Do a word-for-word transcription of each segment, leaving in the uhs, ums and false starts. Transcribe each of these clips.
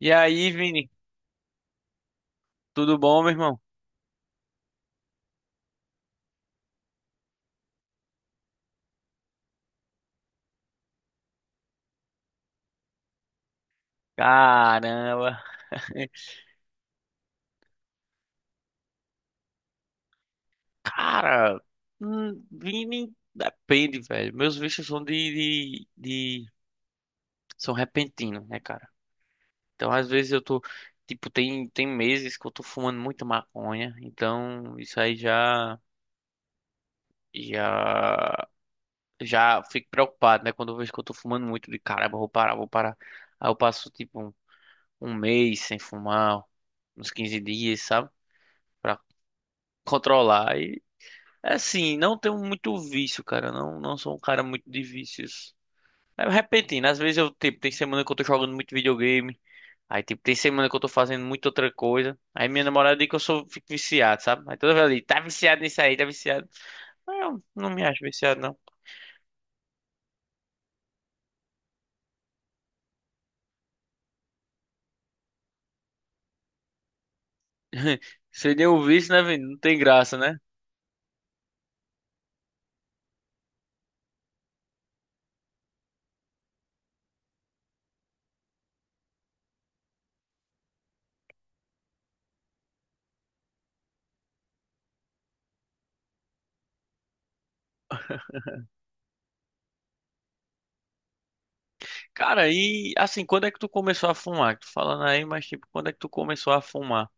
E aí, Vini? Tudo bom, meu irmão? Caramba. Cara, hum, Vini, depende, velho. Meus vistos são de, de, de- são repentinos, né, cara? Então, às vezes eu tô. Tipo, tem, tem meses que eu tô fumando muita maconha. Então, isso aí já. Já. Já fico preocupado, né? Quando eu vejo que eu tô fumando muito, de caramba, eu vou parar, vou parar. Aí eu passo, tipo, um, um mês sem fumar, uns quinze dias, sabe? Pra controlar. É assim, não tenho muito vício, cara. Não, não sou um cara muito de vícios. É repentino. Às vezes eu, tipo, tem semana que eu tô jogando muito videogame. Aí, tipo, tem semana que eu tô fazendo muita outra coisa. Aí minha namorada diz que eu sou, fico viciado, sabe? Aí toda vez ela tá viciado nisso aí, tá viciado. Mas eu não me acho viciado, não. Seria um vício, né, velho? Não tem graça, né? Cara, e assim, quando é que tu começou a fumar? Tu falando aí, mas tipo, quando é que tu começou a fumar?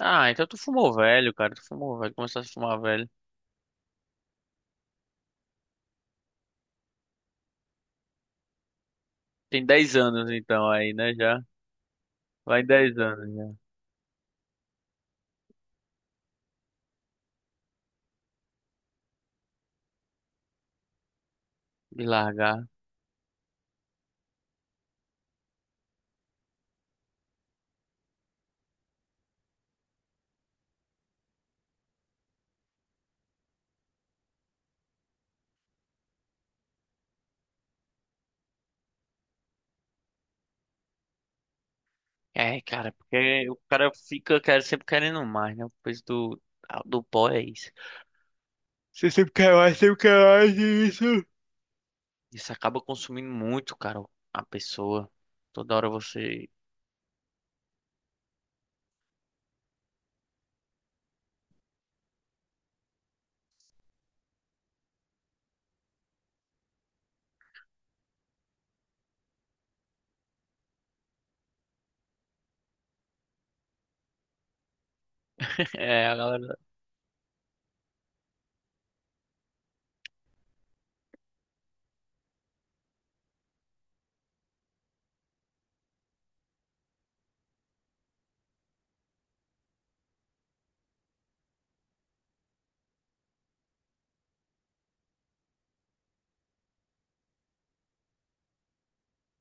Ah, então tu fumou velho, cara. Tu fumou velho, começou a fumar velho. Tem dez anos então aí, né, já. Vai dez anos já de largar. É, cara, porque o cara fica quer- sempre querendo mais, né? O peso do, do pó é isso. Isso acaba consumindo muito, cara, a pessoa. Toda hora você. É, a galera.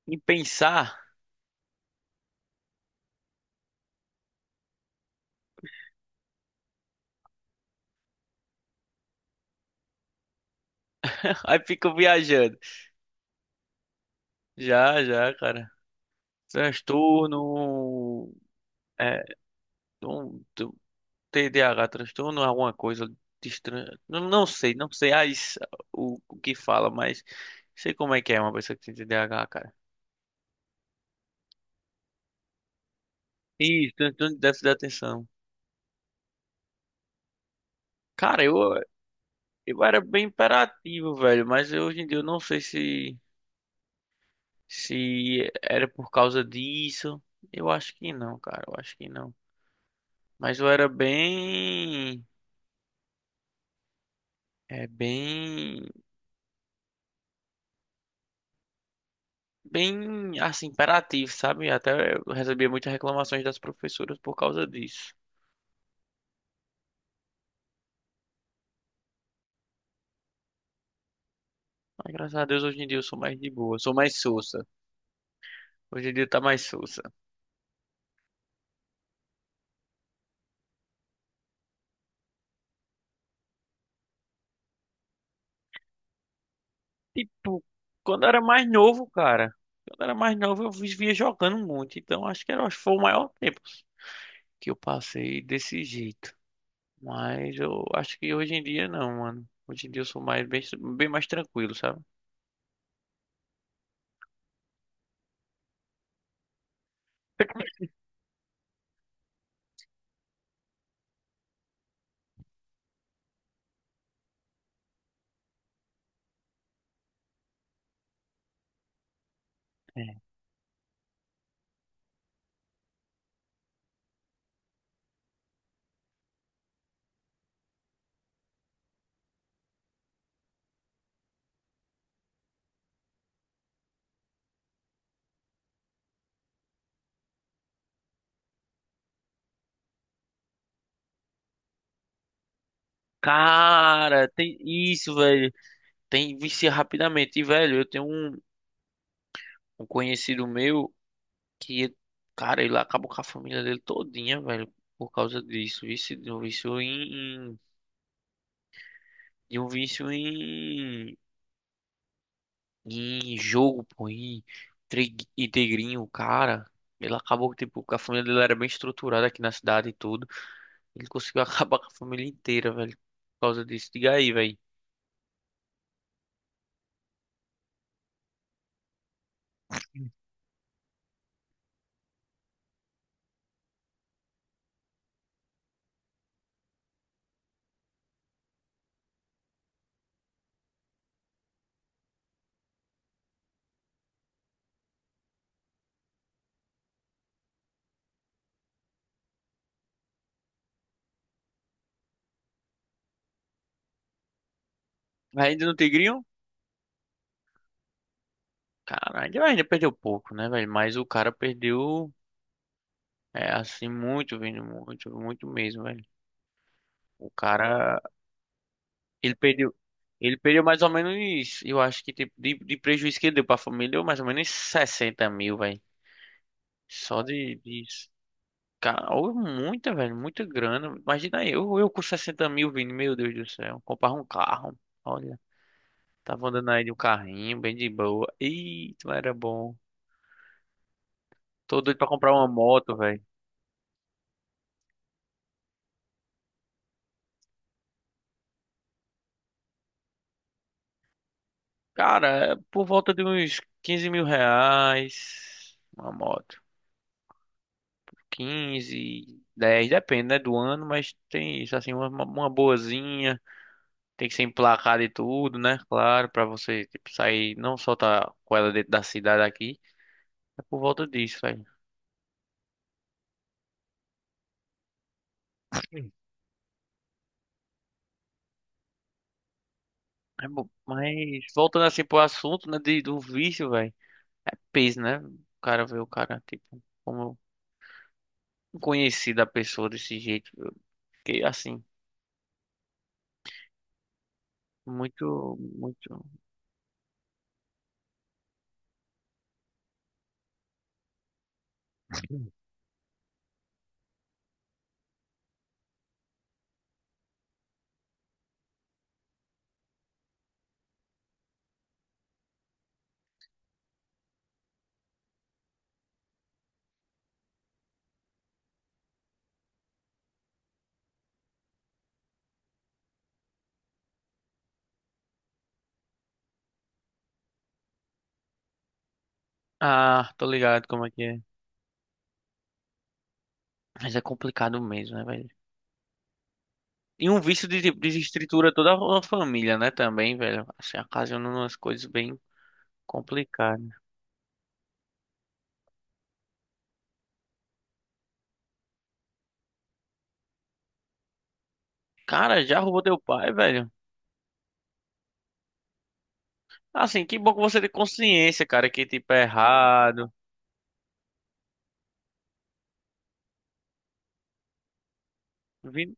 Em pensar, aí fica viajando. Já, já, cara. Transtorno. É. Um, tu- T D A H, transtorno, alguma coisa. de estran- Não, não sei, não sei as, o, o que fala, mas sei como é que é uma pessoa que tem T D A H, cara. Isso, transtorno de déficit de atenção. Cara, eu, eu era bem imperativo, velho, mas eu, hoje em dia eu não sei se, se era por causa disso. Eu acho que não, cara, eu acho que não. Mas eu era bem, é, bem, bem, assim, imperativo, sabe? Até eu recebia muitas reclamações das professoras por causa disso. Mas graças a Deus hoje em dia eu sou mais de boa, sou mais sossa. Hoje em dia tá mais sossa. Tipo, quando eu era mais novo, cara. Quando eu era mais novo, eu vivia jogando muito. Então, acho que era, acho que foi o maior tempo que eu passei desse jeito. Mas eu acho que hoje em dia não, mano. Hoje em dia eu sou mais bem, bem mais tranquilo, sabe? É. Cara, tem isso, velho. Tem vicia rapidamente. E, velho, eu tenho um, um conhecido meu que, cara, ele acabou com a família dele todinha, velho, por causa disso. Vício, de um vício em, em- de um vício em em jogo, pô, em Tri- em Tigrinho, o cara. Ele acabou, que, tipo, que a família dele era bem estruturada aqui na cidade e tudo. Ele conseguiu acabar com a família inteira, velho. Por causa disso. Diga aí, velho. Ainda no Tigrinho? Cara, ainda, ainda perdeu pouco, né, velho? Mas o cara perdeu, é, assim, muito, vindo muito, muito mesmo, velho. O cara, ele perdeu, ele perdeu mais ou menos, isso. Eu acho que, tipo, de, de prejuízo que ele deu pra família, deu mais ou menos sessenta mil, velho. Só de, disso. Cara, ou muita, velho, muita grana. Imagina aí, eu, eu com sessenta mil vindo, meu Deus do céu, comprar um carro. Olha, tava andando aí de um carrinho, bem de boa. Eita, era bom. Tô doido pra comprar uma moto, velho. Cara, é por volta de uns quinze mil reais uma moto. Quinze dez depende, né, do ano, mas tem isso, assim, uma, uma boazinha. Tem que ser emplacada e tudo, né? Claro, pra você, tipo, sair, não só tá com ela dentro da cidade aqui. É por volta disso, velho. É bom, mas voltando assim pro assunto, né, de, do vício, velho, é peso, né? O cara vê o cara, tipo, como conhecido a pessoa desse jeito. Eu fiquei assim, muito, muito. Ah, tô ligado como é que é. Mas é complicado mesmo, né, velho? E um vício de, tipo, desestrutura toda a família, né, também, velho. Assim, ocasiona umas coisas bem complicadas. Cara, já roubou teu pai, velho? Assim, que bom que você tem consciência, cara, que tipo é errado. Vi-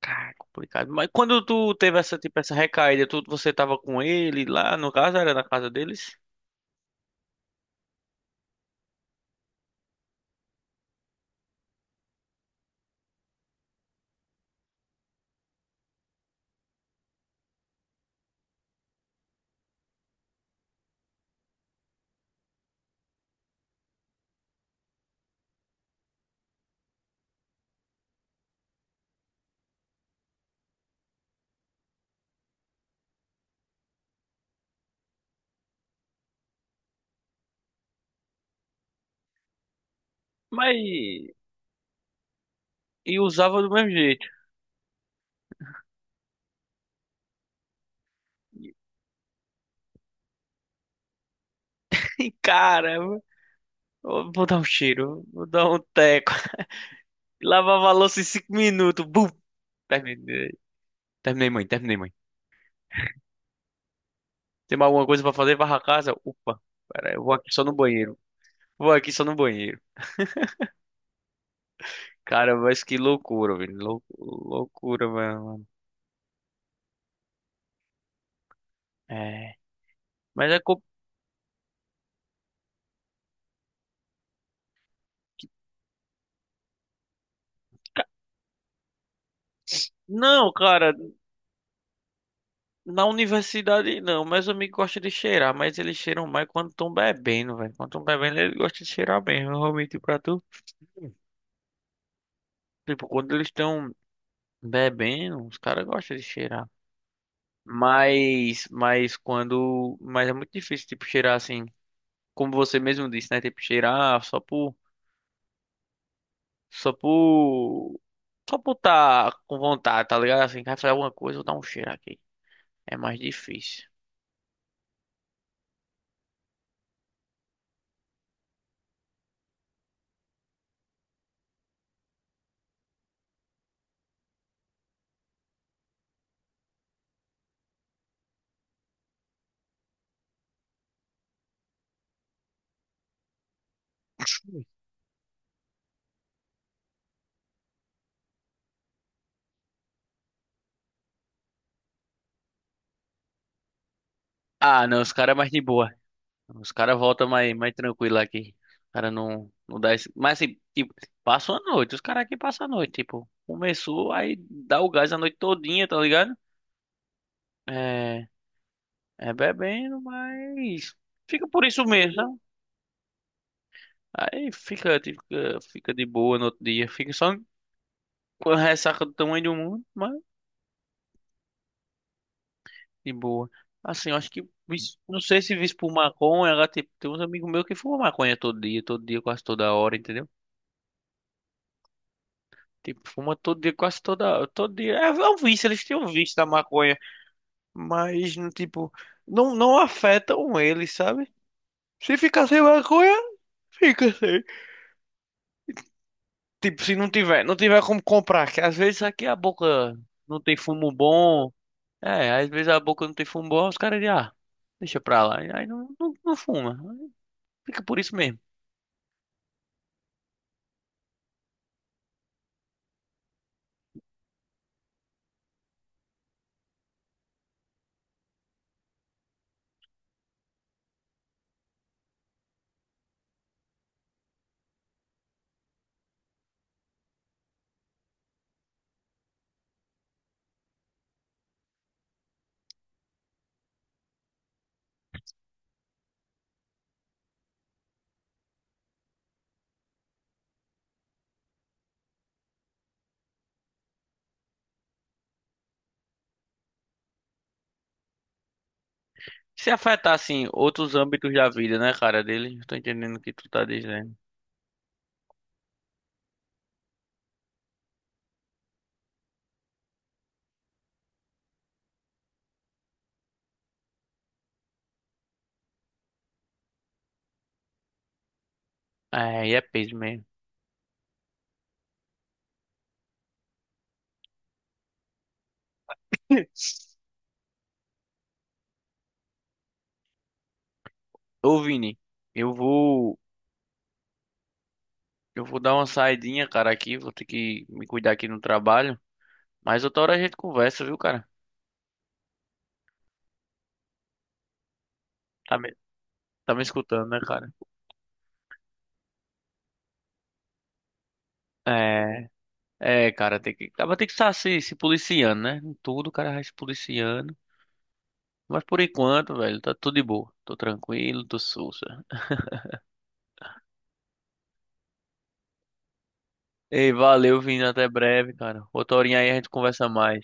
Cara, complicado. Mas quando tu teve essa, tipo, essa recaída, tu, você tava com ele lá, no caso era na casa deles? Mas. E usava do mesmo jeito. E, cara, vou dar um cheiro, vou dar um teco. Lavava a louça em cinco minutos. Bum! Terminei. Terminei, mãe, terminei, mãe. Tem mais alguma coisa pra fazer? Varra a casa? Opa, pera, aí, eu vou aqui só no banheiro. Vou aqui só no banheiro. Cara, mas que loucura, velho. Lou- loucura, mano. É. Mas é. co- Não, cara. Na universidade não, meus amigos gostam de cheirar, mas eles cheiram mais quando estão bebendo, velho. Quando estão bebendo, eles gostam de cheirar mesmo, realmente pra tu. Tipo, quando eles estão bebendo, os caras gostam de cheirar. Mas, mas quando. Mas é muito difícil, tipo, cheirar assim. Como você mesmo disse, né? Tipo, cheirar só por. Só por. Só por tá com vontade, tá ligado? Assim, quer fazer alguma coisa, vou dar um cheiro aqui. É mais difícil. Ah, não, os caras é mais de boa. Os caras voltam mais, mais tranquilo aqui. O cara não, não dá esse. Mas assim, tipo, passa a noite. Os caras aqui passam a noite. Tipo, começou, aí dá o gás a noite todinha, tá ligado? É, é bebendo, mas fica por isso mesmo, sabe? Aí fica, tipo, fica, fica de boa no outro dia. Fica só com a ressaca do tamanho do mundo, mas de boa. Assim, eu acho que, vis- não sei se visto por maconha, agora, tipo, tem uns amigos meus que fumam maconha todo dia, todo dia, quase toda hora, entendeu? Tipo, fuma todo dia, quase toda, todo dia. É, é um vício, eles têm um vício da maconha. Mas, no tipo, não, não afetam eles, sabe? Se ficar sem maconha, fica sem. Tipo, se não tiver, não tiver como comprar, que às vezes aqui a boca não tem fumo bom. É, às vezes a boca não tem fumo bom, os caras dizem, ah, deixa pra lá. E aí não, não, não fuma. Fica por isso mesmo. Se afetar, assim, outros âmbitos da vida, né, cara, deles? Tô entendendo o que tu tá dizendo. É, e é peso mesmo. Ô, Vini, eu vou, eu vou dar uma saidinha, cara, aqui. Vou ter que me cuidar aqui no trabalho. Mas outra hora a gente conversa, viu, cara? Tá me, tá me escutando, né, cara? É, é, cara, tem que, acaba tem que estar se, se policiando, né? Em tudo, o cara vai se policiando. Mas por enquanto, velho, tá tudo de boa. Tô tranquilo, tô sussa. Ei, valeu, Vini, até breve, cara. Outra horinha aí a gente conversa mais.